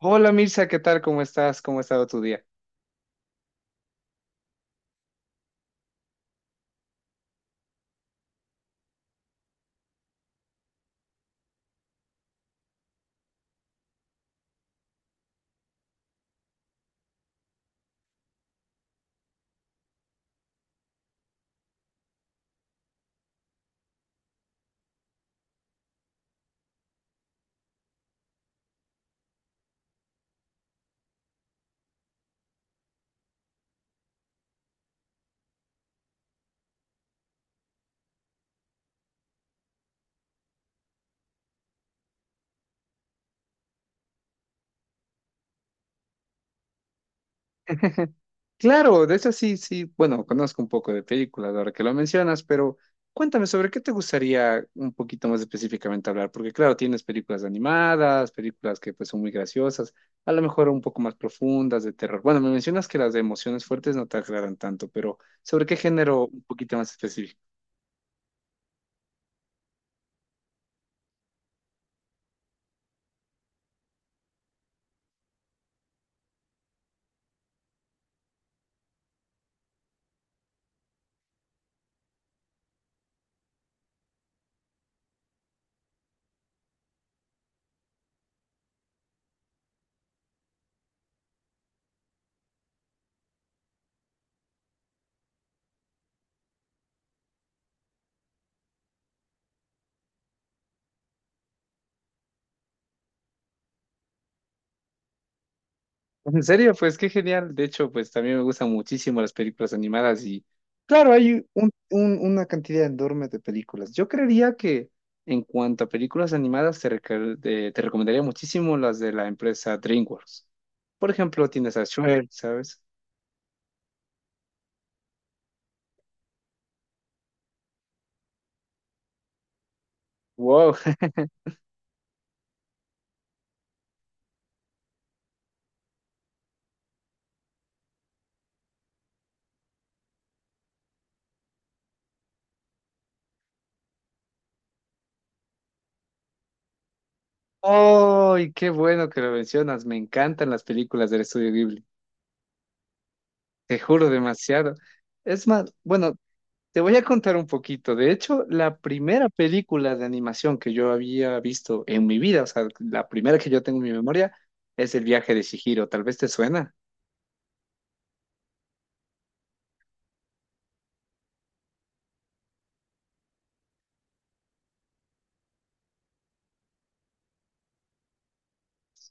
Hola Mirza, ¿qué tal? ¿Cómo estás? ¿Cómo ha estado tu día? Claro, de hecho, sí, sí, bueno, conozco un poco de películas ahora que lo mencionas, pero cuéntame sobre qué te gustaría un poquito más específicamente hablar, porque claro, tienes películas animadas, películas que pues son muy graciosas, a lo mejor un poco más profundas, de terror. Bueno, me mencionas que las de emociones fuertes no te aclaran tanto, pero ¿sobre qué género un poquito más? En serio, pues qué genial. De hecho, pues también me gustan muchísimo las películas animadas y claro, hay una cantidad enorme de películas. Yo creería que en cuanto a películas animadas, te, te recomendaría muchísimo las de la empresa DreamWorks. Por ejemplo, tienes a Shrek, ¿sabes? ¡Wow! ¡Ay, qué bueno que lo mencionas! Me encantan las películas del estudio Ghibli. Te juro demasiado. Es más, bueno, te voy a contar un poquito. De hecho, la primera película de animación que yo había visto en mi vida, o sea, la primera que yo tengo en mi memoria, es El viaje de Chihiro. Tal vez te suena.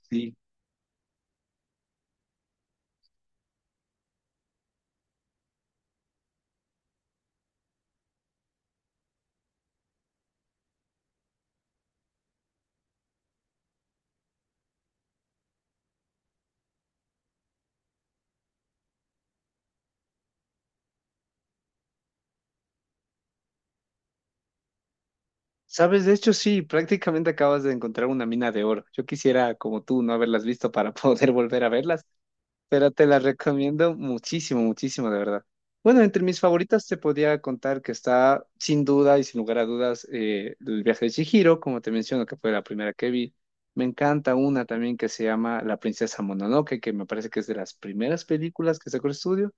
Sí. Sabes, de hecho, sí, prácticamente acabas de encontrar una mina de oro. Yo quisiera, como tú, no haberlas visto para poder volver a verlas, pero te la recomiendo muchísimo, muchísimo, de verdad. Bueno, entre mis favoritas te podía contar que está, sin duda y sin lugar a dudas, El viaje de Chihiro, como te menciono, que fue la primera que vi. Me encanta una también que se llama La princesa Mononoke, que me parece que es de las primeras películas que sacó el estudio.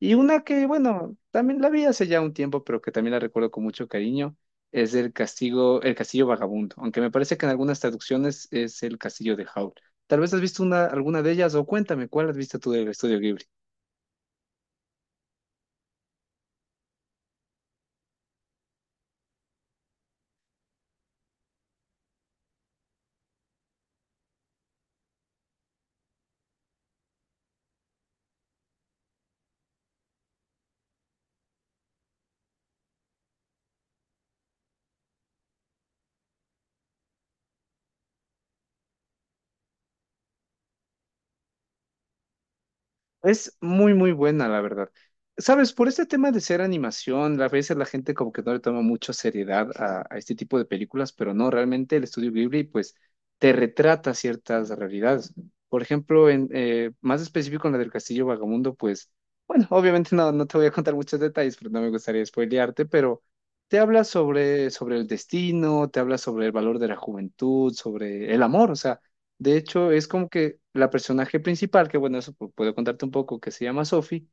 Y una que, bueno, también la vi hace ya un tiempo, pero que también la recuerdo con mucho cariño, es El castigo, El castillo vagabundo, aunque me parece que en algunas traducciones es El castillo de Howl. Tal vez has visto una, alguna de ellas, o cuéntame, ¿cuál has visto tú del estudio Ghibli? Es muy, muy buena, la verdad. Sabes, por este tema de ser animación, a veces la gente como que no le toma mucha seriedad a este tipo de películas, pero no, realmente el estudio Ghibli pues te retrata ciertas realidades. Por ejemplo, en, más específico, en la del Castillo Vagamundo, pues, bueno, obviamente no, no te voy a contar muchos detalles, pero no me gustaría spoilearte, pero te habla sobre, sobre el destino, te habla sobre el valor de la juventud, sobre el amor, o sea. De hecho, es como que la personaje principal, que bueno, eso puedo contarte un poco, que se llama Sophie,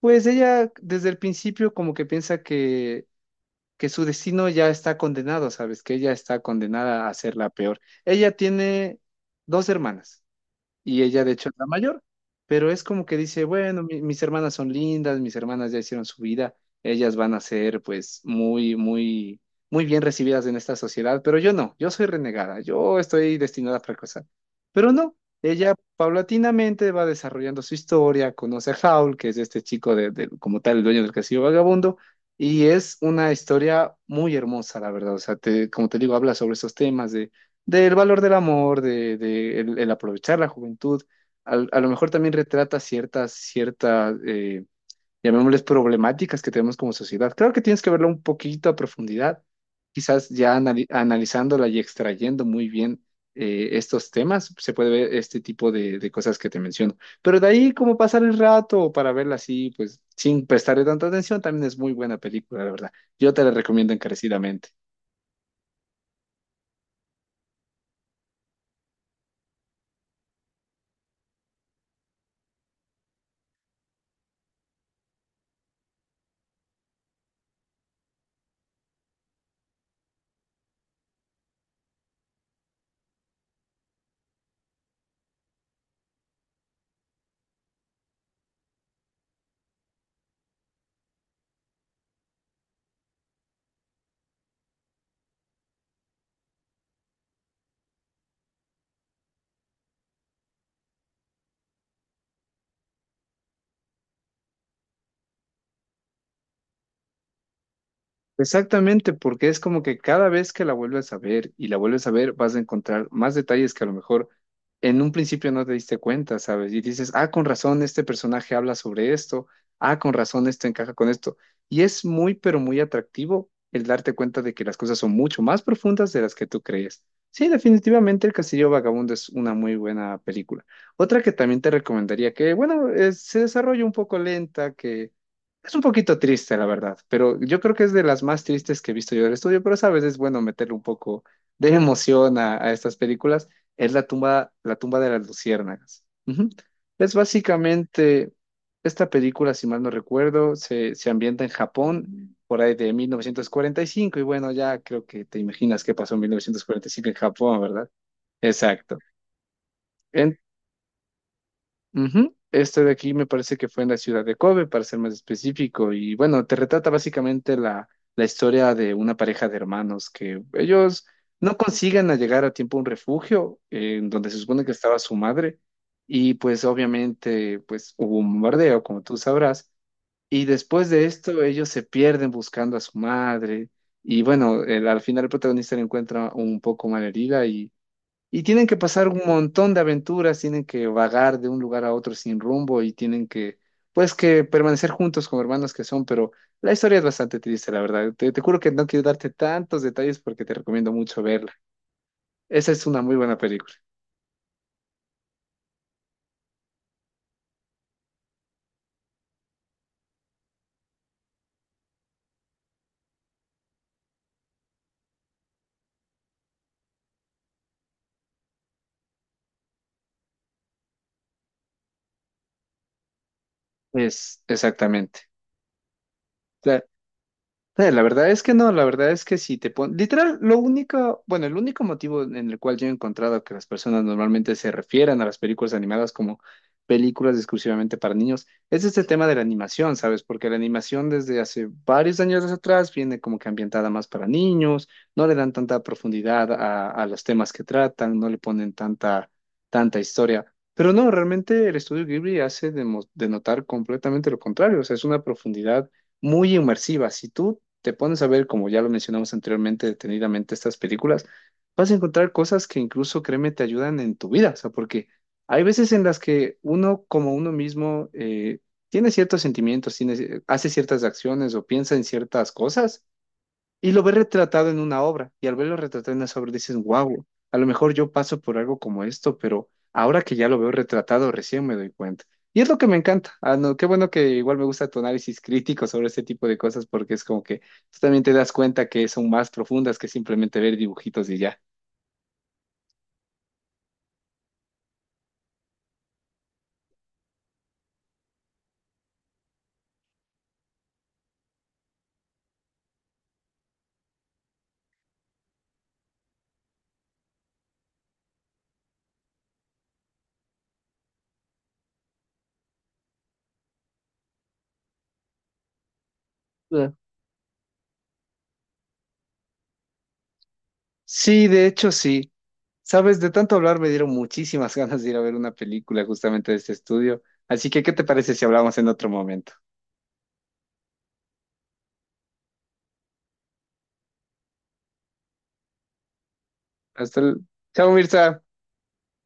pues ella desde el principio como que piensa que su destino ya está condenado, ¿sabes? Que ella está condenada a ser la peor. Ella tiene dos hermanas y ella de hecho es la mayor, pero es como que dice, bueno, mis hermanas son lindas, mis hermanas ya hicieron su vida, ellas van a ser pues muy, muy, muy bien recibidas en esta sociedad, pero yo no, yo soy renegada, yo estoy destinada a fracasar. Pero no, ella paulatinamente va desarrollando su historia, conoce a Howl, que es este chico de, como tal, el dueño del castillo vagabundo. Y es una historia muy hermosa, la verdad. O sea, como te digo, habla sobre esos temas del valor del amor, de el aprovechar la juventud. A lo mejor también retrata ciertas, ciertas, llamémosles problemáticas que tenemos como sociedad. Creo que tienes que verlo un poquito a profundidad, quizás ya analizándola y extrayendo muy bien estos temas, se puede ver este tipo de cosas que te menciono. Pero de ahí, como pasar el rato o para verla así, pues sin prestarle tanta atención, también es muy buena película, la verdad. Yo te la recomiendo encarecidamente. Exactamente, porque es como que cada vez que la vuelves a ver y la vuelves a ver, vas a encontrar más detalles que a lo mejor en un principio no te diste cuenta, ¿sabes? Y dices, ah, con razón, este personaje habla sobre esto, ah, con razón, esto encaja con esto. Y es muy, pero muy atractivo el darte cuenta de que las cosas son mucho más profundas de las que tú crees. Sí, definitivamente El Castillo Vagabundo es una muy buena película. Otra que también te recomendaría, que bueno, se desarrolla un poco lenta, que es un poquito triste, la verdad, pero yo creo que es de las más tristes que he visto yo del estudio, pero sabes, es bueno meterle un poco de emoción a estas películas. Es la tumba de las luciérnagas. Ujú. Es básicamente, esta película, si mal no recuerdo, se ambienta en Japón por ahí de 1945 y cinco, y bueno, ya creo que te imaginas qué pasó en 1945 en Japón, ¿verdad? Exacto. Ujú. Este de aquí me parece que fue en la ciudad de Kobe, para ser más específico. Y bueno, te retrata básicamente la, la historia de una pareja de hermanos que ellos no consiguen a llegar a tiempo a un refugio en donde se supone que estaba su madre. Y pues obviamente pues hubo un bombardeo, como tú sabrás. Y después de esto ellos se pierden buscando a su madre. Y bueno, al final el protagonista la encuentra un poco malherida y tienen que pasar un montón de aventuras, tienen que vagar de un lugar a otro sin rumbo y tienen que, pues, que permanecer juntos como hermanos que son, pero la historia es bastante triste, la verdad. Te juro que no quiero darte tantos detalles porque te recomiendo mucho verla. Esa es una muy buena película. Es, exactamente. La- La verdad es que no, la verdad es que si te pones, literal, lo único, bueno, el único motivo en el cual yo he encontrado que las personas normalmente se refieren a las películas animadas como películas exclusivamente para niños es este tema de la animación, ¿sabes? Porque la animación desde hace varios años atrás viene como que ambientada más para niños, no le dan tanta profundidad a los temas que tratan, no le ponen tanta, tanta historia. Pero no, realmente el estudio Ghibli hace denotar completamente lo contrario, o sea, es una profundidad muy inmersiva. Si tú te pones a ver, como ya lo mencionamos anteriormente, detenidamente estas películas, vas a encontrar cosas que incluso, créeme, te ayudan en tu vida. O sea, porque hay veces en las que uno, como uno mismo, tiene ciertos sentimientos, tiene, hace ciertas acciones o piensa en ciertas cosas y lo ves retratado en una obra, y al verlo retratado en esa obra dices, wow, a lo mejor yo paso por algo como esto, pero ahora que ya lo veo retratado, recién me doy cuenta. Y es lo que me encanta. Ah, no, qué bueno que igual me gusta tu análisis crítico sobre este tipo de cosas, porque es como que tú también te das cuenta que son más profundas que simplemente ver dibujitos y ya. Eh, Sí, de hecho, sí. Sabes, de tanto hablar me dieron muchísimas ganas de ir a ver una película justamente de este estudio. Así que, ¿qué te parece si hablamos en otro momento? Hasta el... Chao, Mirza.